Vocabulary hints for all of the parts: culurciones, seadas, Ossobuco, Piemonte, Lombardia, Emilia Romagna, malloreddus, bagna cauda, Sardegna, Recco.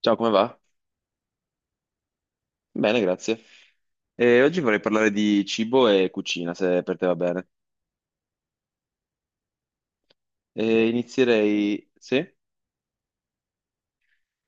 Ciao, come va? Bene, grazie. E oggi vorrei parlare di cibo e cucina, se per te va bene. E inizierei. Sì?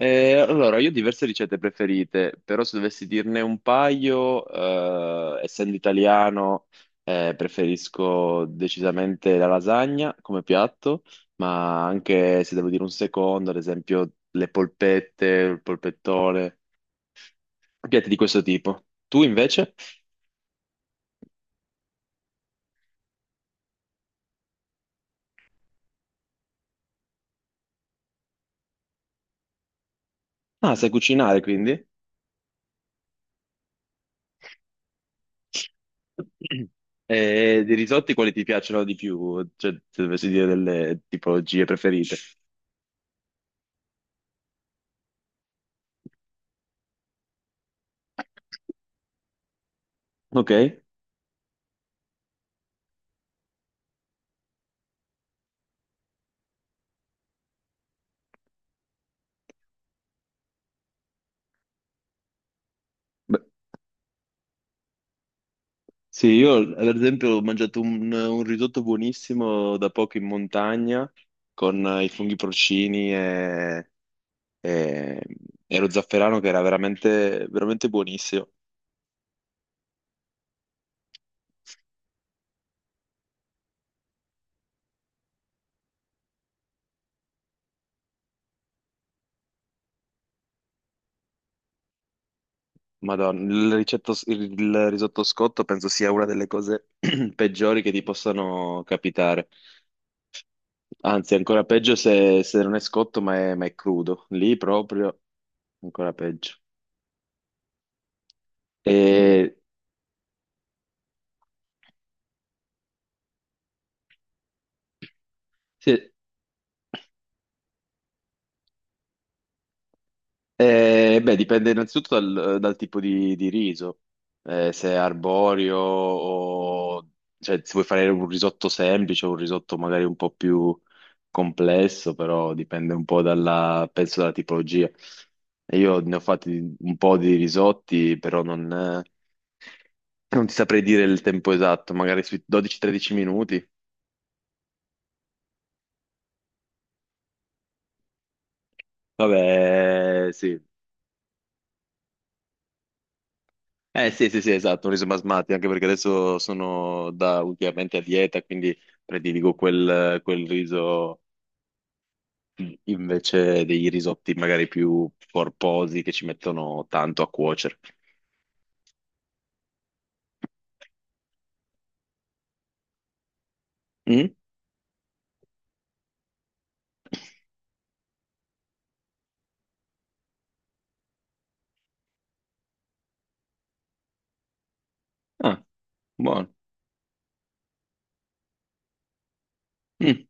E allora, io ho diverse ricette preferite, però se dovessi dirne un paio, essendo italiano, preferisco decisamente la lasagna come piatto, ma anche se devo dire un secondo, ad esempio le polpette, il polpettone, piatti di questo tipo. Tu invece? Ah, sai cucinare, quindi? E di risotti quali ti piacciono di più? Cioè, se dovessi dire delle tipologie preferite. Ok. Beh, sì, io ad esempio ho mangiato un risotto buonissimo da poco in montagna con i funghi porcini e- e lo zafferano che era veramente, veramente buonissimo. Madonna, il risotto scotto penso sia una delle cose peggiori che ti possano capitare. Anzi, ancora peggio se, non è scotto, ma è crudo. Lì proprio ancora peggio. E, sì, beh, dipende innanzitutto dal tipo di riso. Se è arborio o cioè, se vuoi fare un risotto semplice o un risotto magari un po' più complesso, però dipende un po' dalla, penso dalla tipologia. E io ne ho fatti un po' di risotti, però non ti saprei dire il tempo esatto, magari sui 12-13 minuti. Vabbè, sì. Eh sì, sì, sì, esatto, un riso basmati, anche perché adesso sono da ultimamente a dieta, quindi prediligo quel riso invece dei risotti magari più corposi che ci mettono tanto a cuocere. Mm? Ah, buono. Mm,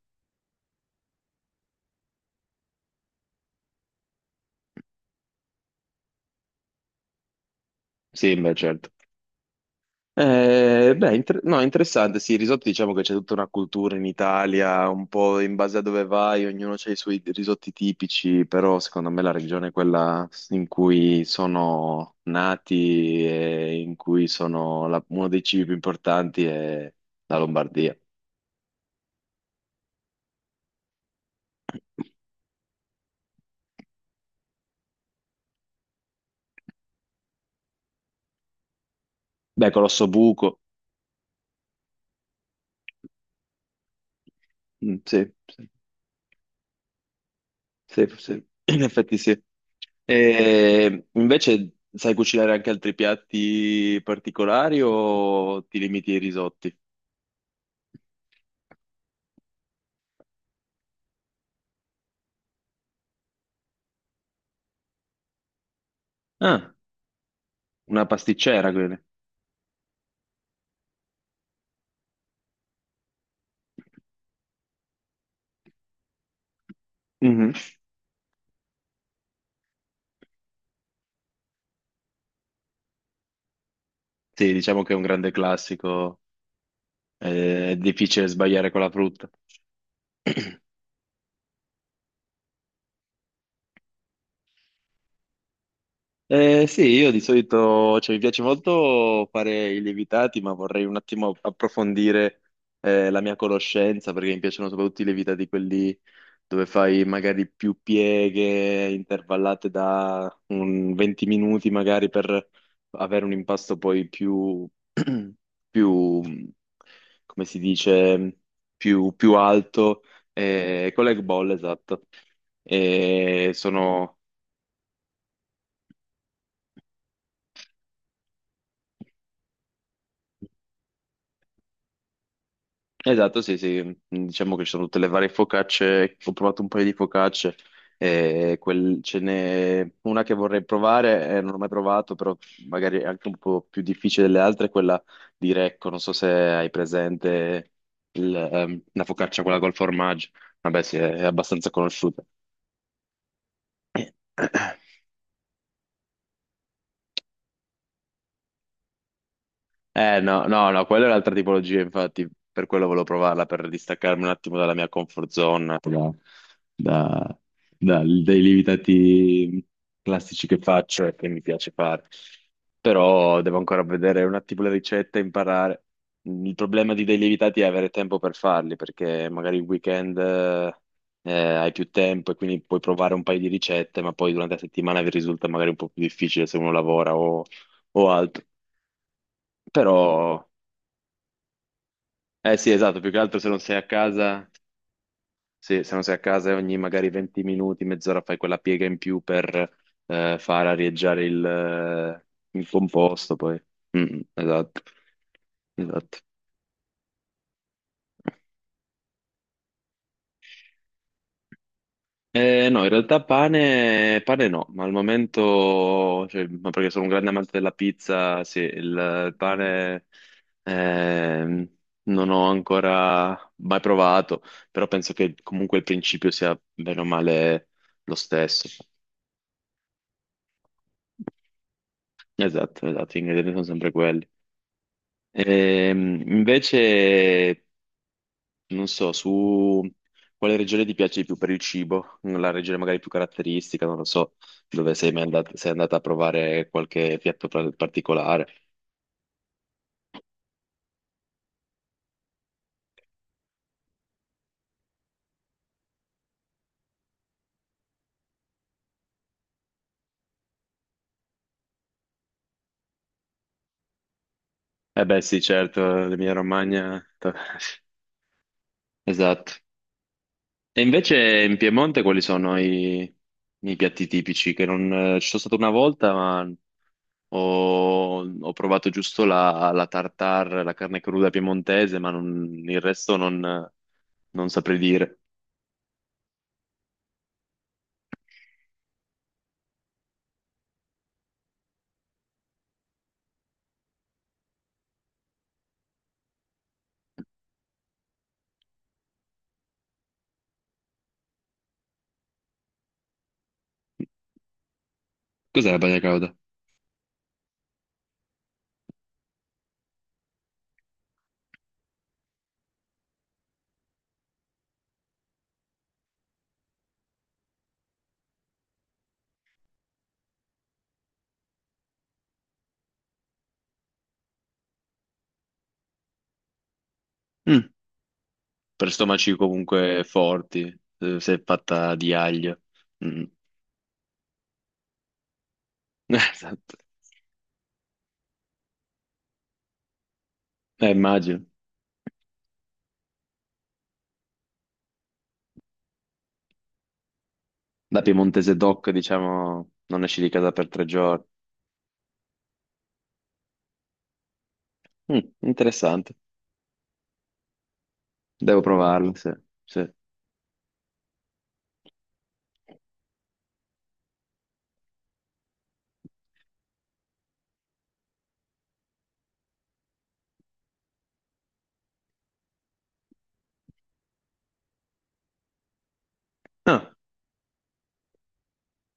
sì, beh, certo. Beh, no, interessante, sì, il risotto diciamo che c'è tutta una cultura in Italia, un po' in base a dove vai, ognuno ha i suoi risotti tipici, però secondo me la regione è quella in cui sono nati e in cui uno dei cibi più importanti è la Lombardia. Beh, Colosso Buco. Mm, sì. Sì. Sì, sì, in effetti sì. E invece sai cucinare anche altri piatti particolari o ti limiti ai risotti? Ah, una pasticcera, quindi? Mhm. Sì, diciamo che è un grande classico, è difficile sbagliare con la frutta. Sì, io di solito, cioè, mi piace molto fare i lievitati, ma vorrei un attimo approfondire la mia conoscenza, perché mi piacciono soprattutto i lievitati quelli dove fai magari più pieghe intervallate da un 20 minuti, magari per avere un impasto poi più, più, come si dice, più alto, con l'egg ball, esatto. E sono. Esatto, sì, sì, diciamo che ci sono tutte le varie focacce, ho provato un paio di focacce, e ce n'è una che vorrei provare, non ho mai provato, però magari è anche un po' più difficile delle altre, è quella di Recco, non so se hai presente la focaccia quella col formaggio, vabbè sì, è abbastanza conosciuta. Eh no, no, no, quella è un'altra tipologia, infatti, per quello volevo provarla, per distaccarmi un attimo dalla mia comfort zone, da- dai lievitati classici che faccio e che mi piace fare. Però devo ancora vedere un attimo le ricette e imparare. Il problema di dei lievitati è avere tempo per farli, perché magari il weekend hai più tempo e quindi puoi provare un paio di ricette, ma poi durante la settimana vi risulta magari un po' più difficile se uno lavora o altro. Però eh sì, esatto, più che altro se non sei a casa, sì, se non sei a casa ogni magari 20 minuti, mezz'ora fai quella piega in più per far arieggiare il composto poi. Mm, mm, esatto, esatto. No, in realtà pane, pane no, ma al momento, cioè, ma perché sono un grande amante della pizza, sì, il pane ehm, non ho ancora mai provato, però penso che comunque il principio sia bene o male lo stesso. Esatto, esatto, gli ingredienti sono sempre quelli. Invece, non so, su quale regione ti piace di più per il cibo? La regione magari più caratteristica, non lo so, dove sei mai andat- sei andata a provare qualche piatto particolare. Eh beh, sì, certo, l'Emilia Romagna. Esatto. E invece in Piemonte quali sono i piatti tipici? Che non, ci sono stato una volta, ma ho provato giusto la tartare, la carne cruda piemontese, ma il resto non saprei dire. Cos'è la bagna cauda? Mm, per stomaci comunque forti, se è fatta di aglio. Mm. Esatto. Immagino. Da piemontese doc, diciamo, non esci di casa per 3 giorni. Mm, interessante. Devo provarlo, sì. Sì. Ah,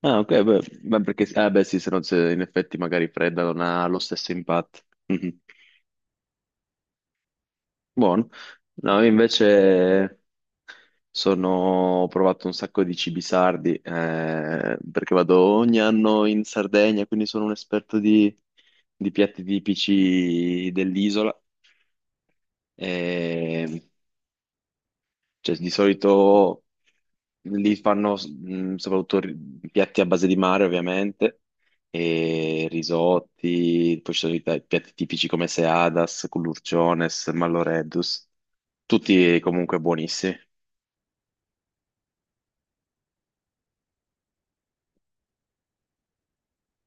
ah, ok, beh, beh, perché, ah, beh, sì, se no, se in effetti magari fredda non ha lo stesso impatto. Mhm. Buono. No, io invece Sono, ho provato un sacco di cibi sardi, perché vado ogni anno in Sardegna, quindi sono un esperto di, piatti tipici dell'isola. E, cioè, di solito lì fanno soprattutto piatti a base di mare, ovviamente, e risotti, poi ci sono i piatti tipici come seadas, culurciones, malloreddus, tutti comunque buonissimi,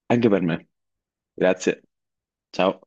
anche per me. Grazie, ciao.